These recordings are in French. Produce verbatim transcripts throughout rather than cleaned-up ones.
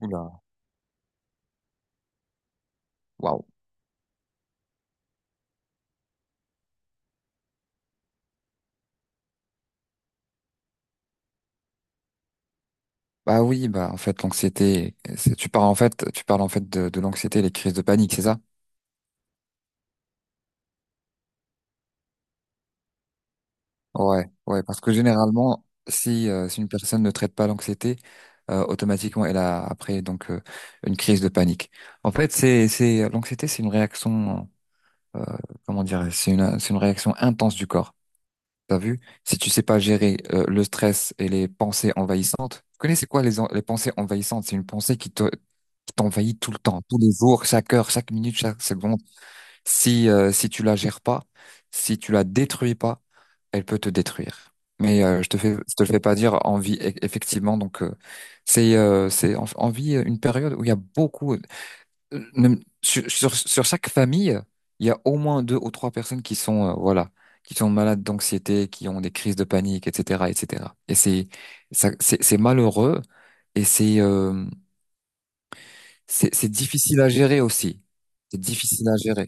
Oula, waouh. Bah oui, bah en fait l'anxiété, c'est- tu parles en fait, tu parles en fait de, de l'anxiété, et les crises de panique, c'est ça? Ouais, ouais, parce que généralement, si euh, si une personne ne traite pas l'anxiété, euh, automatiquement elle a après donc euh, une crise de panique. En fait, c'est c'est l'anxiété, c'est une réaction, euh, comment dire, c'est une c'est une réaction intense du corps. T'as vu? Si tu sais pas gérer euh, le stress et les pensées envahissantes, tu connais c'est quoi les en- les pensées envahissantes? C'est une pensée qui te qui t'envahit tout le temps, tous les jours, chaque heure, chaque minute, chaque seconde. Si, euh, si tu la gères pas, si tu la détruis pas, elle peut te détruire. Mais euh, je te fais, je te le fais pas dire envie, e- effectivement. Donc euh, c'est, euh, c'est en- en vie une période où il y a beaucoup, euh, même sur, sur, sur chaque famille, il y a au moins deux ou trois personnes qui sont, euh, voilà, qui sont malades d'anxiété, qui ont des crises de panique, et cetera, et cetera. Et cetera. Et c'est, ça, c'est c'est malheureux et c'est, euh, c'est, c'est difficile à gérer aussi. C'est difficile à gérer.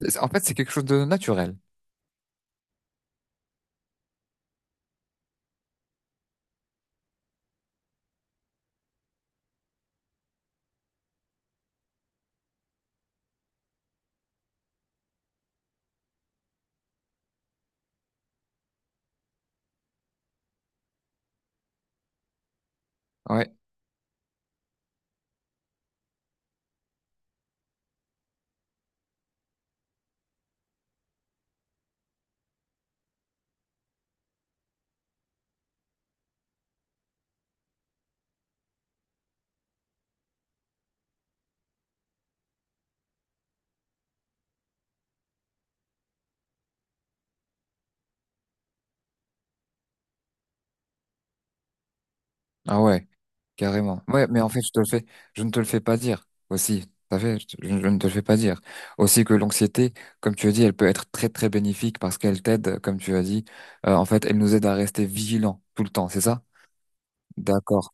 C'est- En fait, c'est quelque chose de naturel. Ouais. Ah ouais, carrément. Ouais, mais en fait, je te le fais, je ne te le fais pas dire aussi. Ça fait, je, te- je ne te le fais pas dire. Aussi que l'anxiété, comme tu as dit, elle peut être très très bénéfique parce qu'elle t'aide, comme tu as dit. Euh, en fait, elle nous aide à rester vigilants tout le temps, c'est ça? D'accord,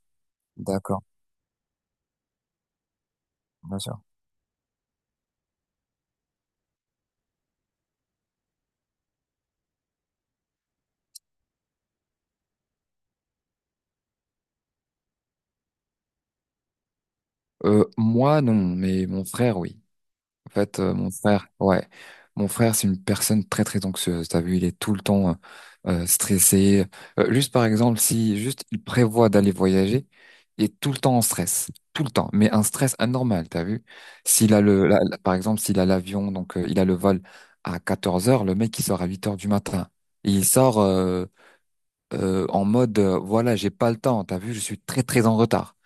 d'accord, bien sûr. Euh, moi, non, mais mon frère, oui. En fait, euh, mon frère, ouais, mon frère, c'est une personne très très anxieuse. T'as vu, il est tout le temps euh, euh, stressé. Euh, juste par exemple, si juste il prévoit d'aller voyager, il est tout le temps en stress, tout le temps, mais un stress anormal. T'as vu? S'il a le, la- la- par exemple, s'il a l'avion, donc euh, il a le vol à quatorze heures, le mec il sort à huit heures du matin. Et il sort euh, euh, en mode, euh, voilà, j'ai pas le temps. T'as vu, je suis très très en retard.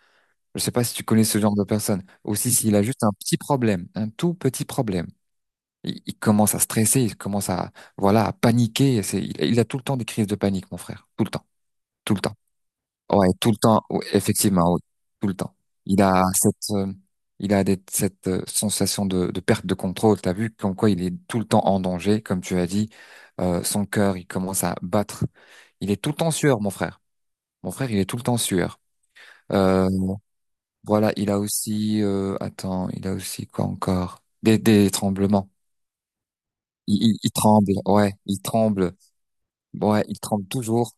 Je sais pas si tu connais ce genre de personne. Aussi, s'il a juste un petit problème, un tout petit problème. Il, il commence à stresser, il commence à, voilà, à paniquer. C'est, il, il a tout le temps des crises de panique, mon frère. Tout le temps. Tout le temps. Ouais, tout le temps. Ouais, effectivement, oui. Tout le temps. Il a cette, euh, il a des- cette euh, sensation de, de perte de contrôle. T'as vu comme quoi il est tout le temps en danger, comme tu as dit. Euh, son cœur, il commence à battre. Il est tout le temps en sueur, mon frère. Mon frère, il est tout le temps en sueur. Euh, voilà, il a aussi, euh, attends, il a aussi quoi encore? Des, des tremblements. Il, il, il tremble, ouais, il tremble. Ouais, il tremble toujours.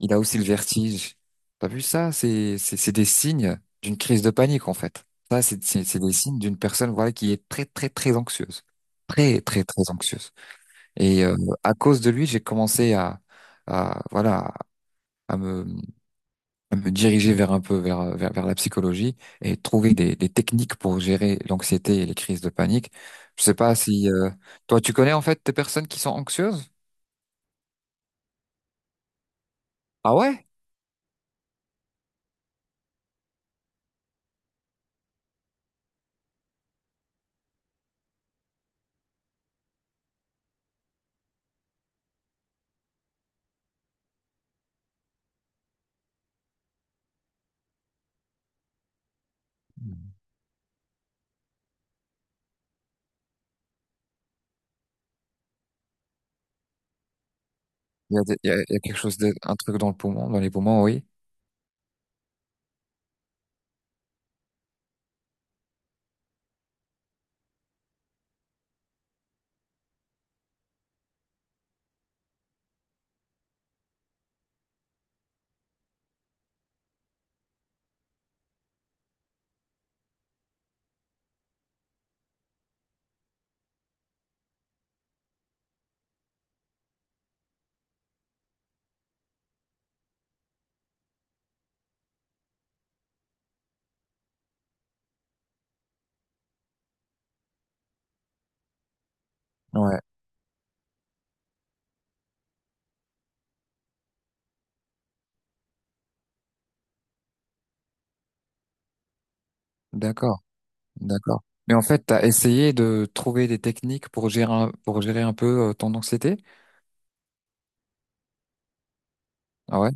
Il a aussi le vertige. T'as vu ça? C'est, c'est, c'est des signes d'une crise de panique, en fait. Ça, c'est, c'est, c'est des signes d'une personne, voilà, qui est très, très, très anxieuse. Très, très, très anxieuse. Et euh, à cause de lui, j'ai commencé à, à, voilà, à me, à me diriger vers un peu vers, vers, vers la psychologie et trouver des, des techniques pour gérer l'anxiété et les crises de panique. Je sais pas si euh, toi, tu connais en fait des personnes qui sont anxieuses? Ah ouais? Il y a, des- il y a, il y a quelque chose de, un truc dans le poumon, dans les poumons, oui. Ouais, d'accord, d'accord. Mais en fait, t'as essayé de trouver des techniques pour gérer un, pour gérer un peu euh, ton anxiété? Ah ouais?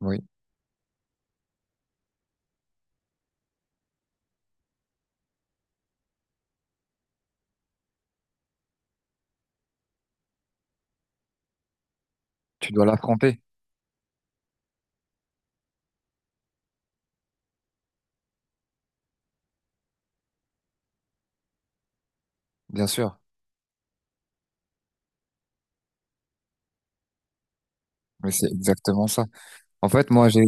Oui. Tu dois l'affronter, bien sûr. Mais c'est exactement ça. En fait, moi, j'ai,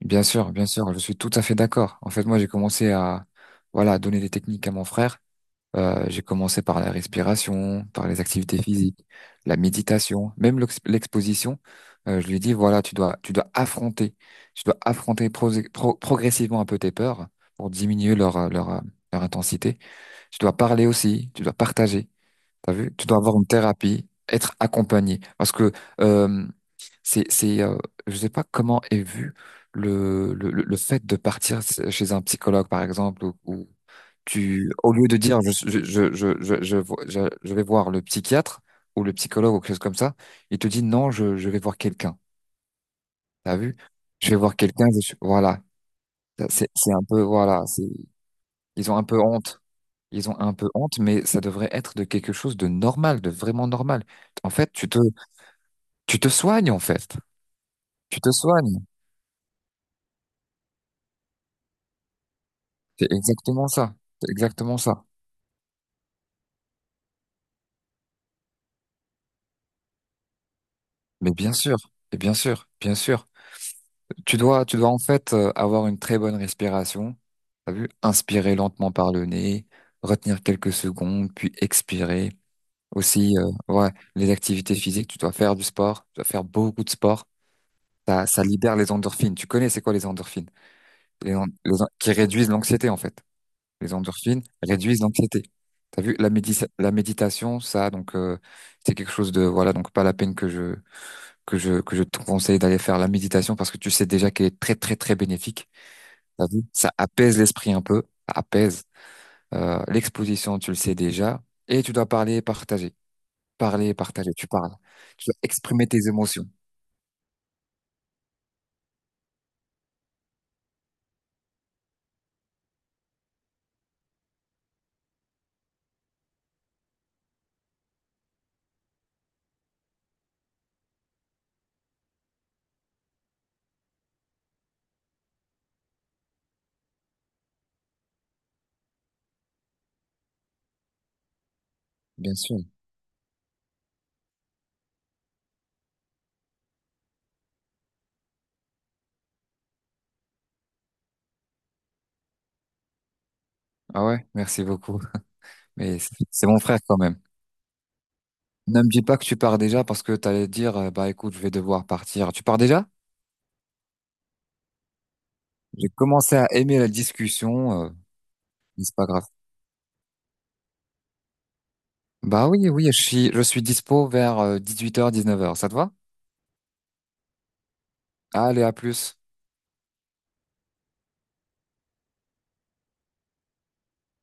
bien sûr, bien sûr, je suis tout à fait d'accord. En fait, moi, j'ai commencé à, voilà, donner des techniques à mon frère. Euh, j'ai commencé par la respiration, par les activités physiques, la méditation, même l'ex- l'exposition. Euh, je lui ai dit, voilà, tu dois, tu dois affronter, tu dois affronter pro- pro- progressivement un peu tes peurs pour diminuer leur, euh, leur, euh, leur intensité. Tu dois parler aussi, tu dois partager. T'as vu? Tu dois avoir une thérapie, être accompagné. Parce que euh, c'est, c'est, euh, je sais pas comment est vu le, le, le le fait de partir chez un psychologue, par exemple, ou, ou tu, au lieu de dire je, je, je, je, je, je vo- je- je vais voir le psychiatre ou le psychologue ou quelque chose comme ça, il te dit non, je, je vais voir quelqu'un. T'as vu? Je vais voir quelqu'un, je suis- voilà. Ça, C'est, c'est un peu, voilà, c'est, ils ont un peu honte. Ils ont un peu honte, mais ça devrait être de quelque chose de normal, de vraiment normal. En fait, tu te, tu te soignes, en fait. Tu te soignes. C'est exactement ça. C'est exactement ça. Mais bien sûr, et bien sûr, bien sûr. Tu dois, tu dois en fait euh, avoir une très bonne respiration. T'as vu? Inspirer lentement par le nez, retenir quelques secondes, puis expirer. Aussi, euh, ouais, les activités physiques, tu dois faire du sport, tu dois faire beaucoup de sport. Ça, ça libère les endorphines. Tu connais c'est quoi les endorphines? Les en- les en- qui réduisent l'anxiété, en fait. Les endorphines réduisent l'anxiété. T'as vu, la médi- la méditation, ça, donc euh, c'est quelque chose de voilà, donc pas la peine que je que je que je te conseille d'aller faire la méditation parce que tu sais déjà qu'elle est très très très bénéfique. T'as vu, ça apaise l'esprit un peu, ça apaise. Euh, l'exposition, tu le sais déjà, et tu dois parler et partager, parler et partager. Tu parles, tu dois exprimer tes émotions, bien sûr. Ah ouais, merci beaucoup. Mais c'est c'est mon frère quand même. Ne me dis pas que tu pars déjà parce que t'allais dire, euh, bah écoute, je vais devoir partir. Tu pars déjà? J'ai commencé à aimer la discussion, euh, mais c'est pas grave. Bah oui, oui, je suis, je suis dispo vers dix-huit heures, dix-neuf heures. Ça te va? Allez, à plus.